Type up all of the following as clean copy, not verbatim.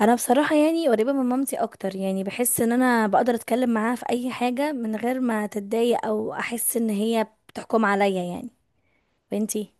انا بصراحه يعني قريبه من مامتي اكتر، يعني بحس ان انا بقدر اتكلم معاها في اي حاجه من غير ما تتضايق او احس ان هي بتحكم عليا يعني. وانتي؟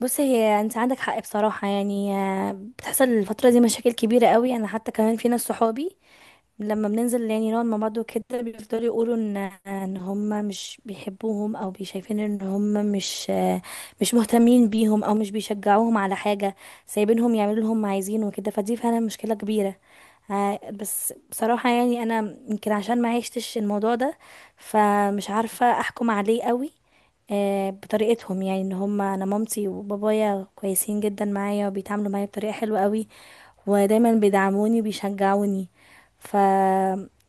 بصي، هي انت عندك حق بصراحه، يعني بتحصل الفتره دي مشاكل كبيره قوي. انا حتى كمان في ناس صحابي لما بننزل يعني نقعد مع بعض وكده، بيفضلوا يقولوا ان هم مش بيحبوهم، او بيشايفين ان هم مش مش مهتمين بيهم، او مش بيشجعوهم على حاجه، سايبينهم يعملوا اللي هم عايزينه وكده. فدي فعلا مشكله كبيره. بس بصراحة يعني أنا يمكن عشان ما عشتش الموضوع ده، فمش عارفة أحكم عليه قوي. بطريقتهم يعني ان هم، انا مامتي وبابايا كويسين جدا معايا، وبيتعاملوا معايا بطريقة حلوة قوي، ودايما بيدعموني وبيشجعوني. ف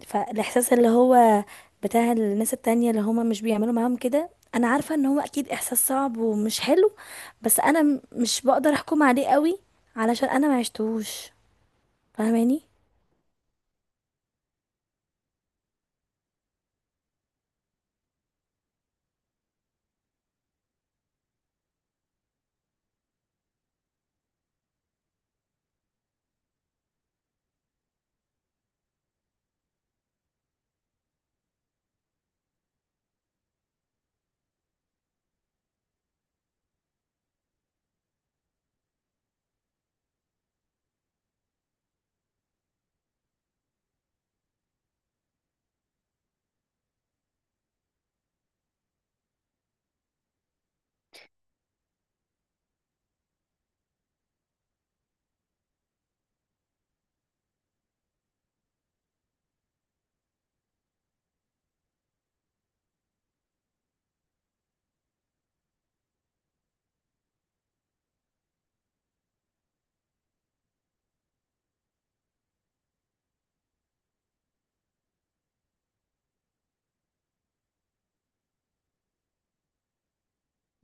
فالاحساس اللي هو بتاع الناس التانية اللي هم مش بيعملوا معاهم كده، انا عارفة ان هو اكيد احساس صعب ومش حلو. بس انا مش بقدر احكم عليه قوي علشان انا ما عشتهوش، فاهماني؟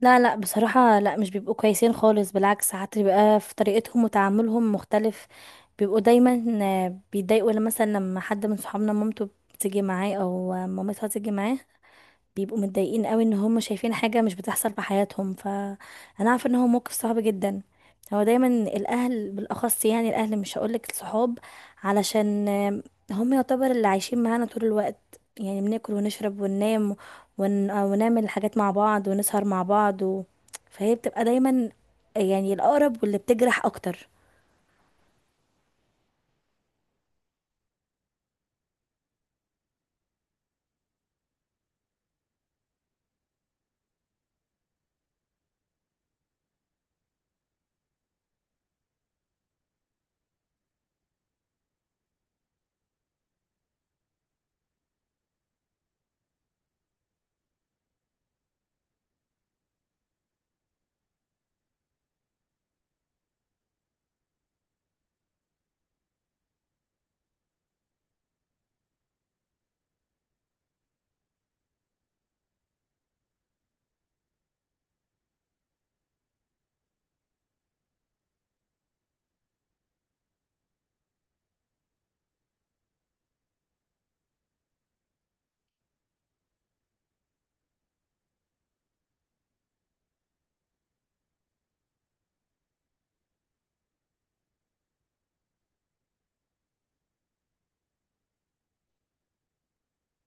لا لا، بصراحة لا، مش بيبقوا كويسين خالص. بالعكس، ساعات بيبقى في طريقتهم وتعاملهم مختلف. بيبقوا دايما بيتضايقوا لما مثلا لما حد من صحابنا مامته بتيجي معاه، او مامتها تيجي معاه، بيبقوا متضايقين قوي ان هم شايفين حاجة مش بتحصل في حياتهم. فانا عارفة ان هو موقف صعب جدا. هو دايما الاهل بالاخص، يعني الاهل مش هقولك الصحاب، علشان هم يعتبر اللي عايشين معانا طول الوقت. يعني بناكل ونشرب وننام، ونعمل حاجات مع بعض، ونسهر مع بعض فهي بتبقى دايما يعني الاقرب واللي بتجرح اكتر.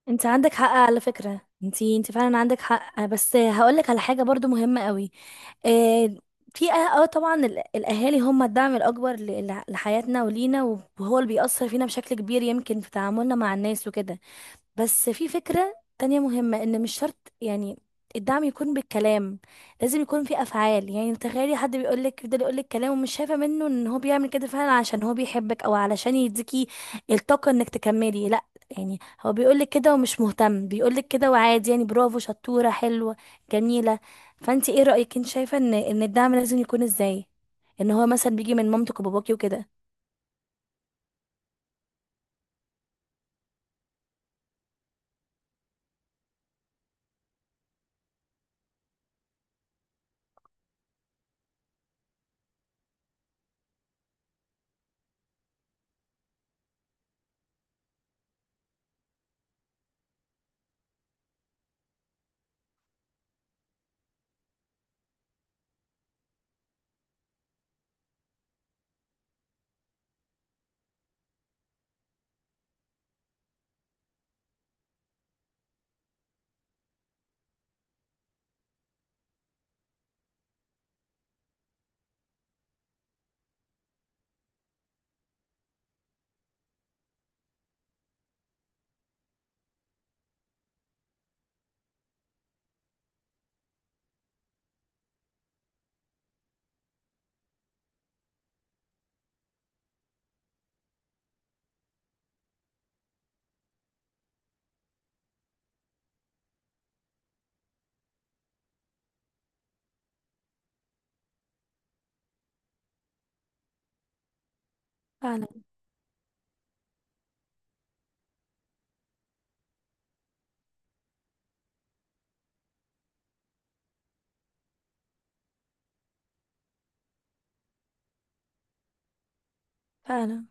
انت عندك حق على فكرة، انت فعلا عندك حق. بس هقولك على حاجة برضو مهمة قوي. آه، في اه آه طبعا الاهالي هم الدعم الاكبر لحياتنا ولينا، وهو اللي بيأثر فينا بشكل كبير يمكن في تعاملنا مع الناس وكده. بس في فكرة تانية مهمة، ان مش شرط يعني الدعم يكون بالكلام، لازم يكون في افعال. يعني تخيلي حد بيقولك، يفضل يقولك كلام ومش شايفة منه ان هو بيعمل كده فعلا عشان هو بيحبك، او علشان يديكي الطاقة انك تكملي. لا، يعني هو بيقولك كده ومش مهتم، بيقولك كده وعادي، يعني برافو، شطورة، حلوة، جميلة. فانتي ايه رأيك؟ انت شايفة ان الدعم لازم يكون ازاي؟ ان هو مثلا بيجي من مامتك وباباكي وكده. فعلا. فعلا.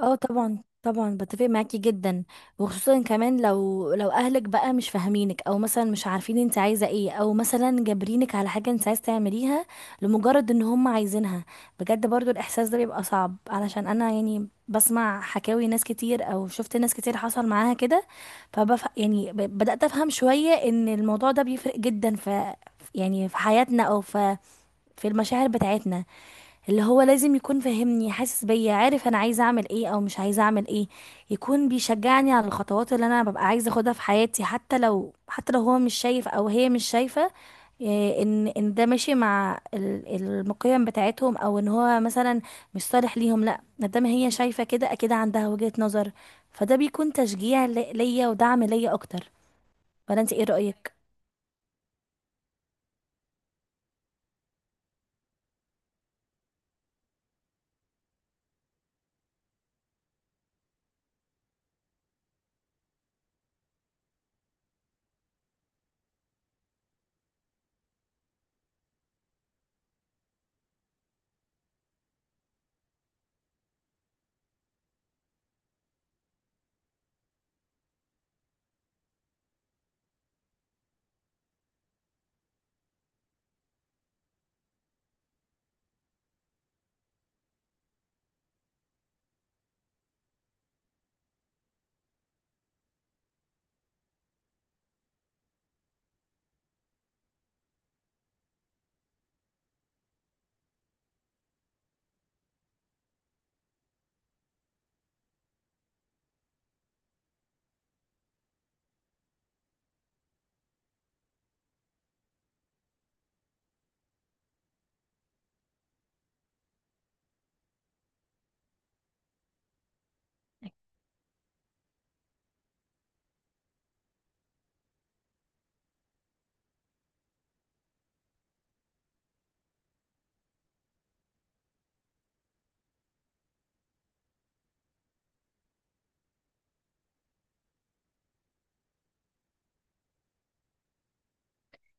اه، طبعا طبعا بتفق معاكي جدا. وخصوصا كمان لو اهلك بقى مش فاهمينك، او مثلا مش عارفين انت عايزه ايه، او مثلا جابرينك على حاجه انت عايز تعمليها لمجرد ان هم عايزينها. بجد برضو الاحساس ده بيبقى صعب علشان انا يعني بسمع حكاوي ناس كتير، او شفت ناس كتير حصل معاها كده. بدأت افهم شويه ان الموضوع ده بيفرق جدا في، يعني في حياتنا، او في المشاعر بتاعتنا. اللي هو لازم يكون فاهمني، حاسس بيا، عارف انا عايزه اعمل ايه او مش عايزه اعمل ايه، يكون بيشجعني على الخطوات اللي انا ببقى عايزه اخدها في حياتي، حتى لو هو مش شايف او هي مش شايفه. ان ده ماشي مع المقيم بتاعتهم، او ان هو مثلا مش صالح ليهم. لا، ما دام هي شايفه كده، اكيد عندها وجهة نظر. فده بيكون تشجيع ليا ودعم ليا اكتر. ولا انت ايه رأيك؟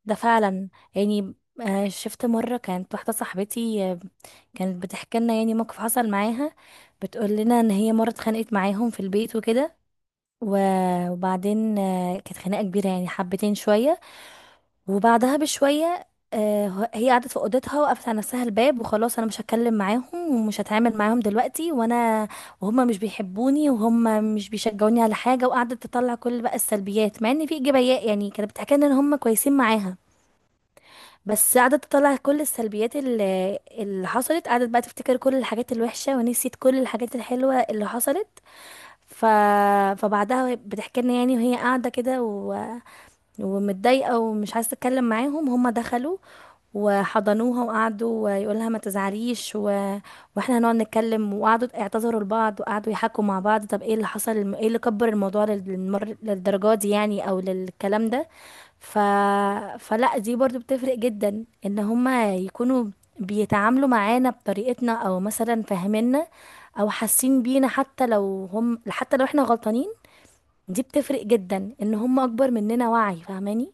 ده فعلا. يعني شفت مرة كانت واحدة صاحبتي، كانت بتحكي لنا يعني موقف حصل معاها. بتقول لنا ان هي مرة اتخانقت معاهم في البيت وكده، وبعدين كانت خناقة كبيرة يعني، حبتين شوية. وبعدها بشوية هي قعدت في اوضتها، وقفت على نفسها الباب، وخلاص انا مش هتكلم معاهم ومش هتعامل معاهم دلوقتي، وانا وهم مش بيحبوني، وهم مش بيشجعوني على حاجة. وقعدت تطلع كل بقى السلبيات، مع ان في ايجابيات، يعني كانت بتحكي لنا ان هم كويسين معاها، بس قعدت تطلع كل السلبيات اللي حصلت. قعدت بقى تفتكر كل الحاجات الوحشة، ونسيت كل الحاجات الحلوة اللي حصلت. ف... فبعدها، وهي بتحكي لنا يعني، وهي قاعدة كده، ومتضايقة، ومش عايزة اتكلم معاهم، هما دخلوا وحضنوها، وقعدوا يقول لها ما تزعليش واحنا هنقعد نتكلم. وقعدوا اعتذروا لبعض، وقعدوا يحكوا مع بعض، طب ايه اللي حصل، ايه اللي كبر الموضوع للدرجة دي يعني، او للكلام ده. ف... فلا، دي برضو بتفرق جدا، ان هما يكونوا بيتعاملوا معانا بطريقتنا او مثلا فاهميننا، او حاسين بينا، حتى لو احنا غلطانين. دي بتفرق جدا ان هم اكبر مننا وعي، فاهماني؟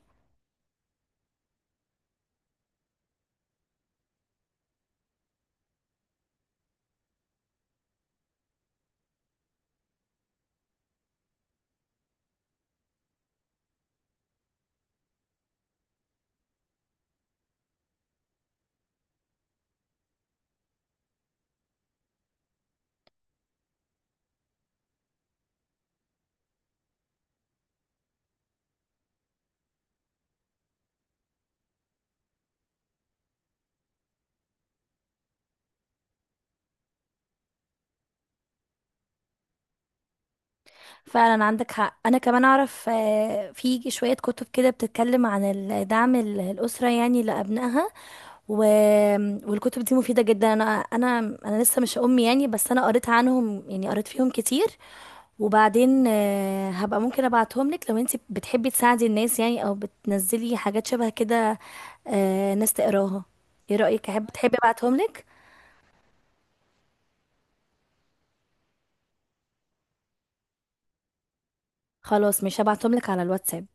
فعلا عندك حق. انا كمان اعرف، في شوية كتب كده بتتكلم عن دعم الأسرة يعني لأبنائها و... والكتب دي مفيدة جدا. انا لسه مش ام يعني، بس انا قريت عنهم يعني، قريت فيهم كتير. وبعدين هبقى ممكن ابعتهم لك لو انت بتحبي تساعدي الناس يعني، او بتنزلي حاجات شبه كده، ناس تقراها. ايه رأيك؟ احب تحبي ابعتهم لك؟ خلاص، مش هبعتهم لك على الواتساب.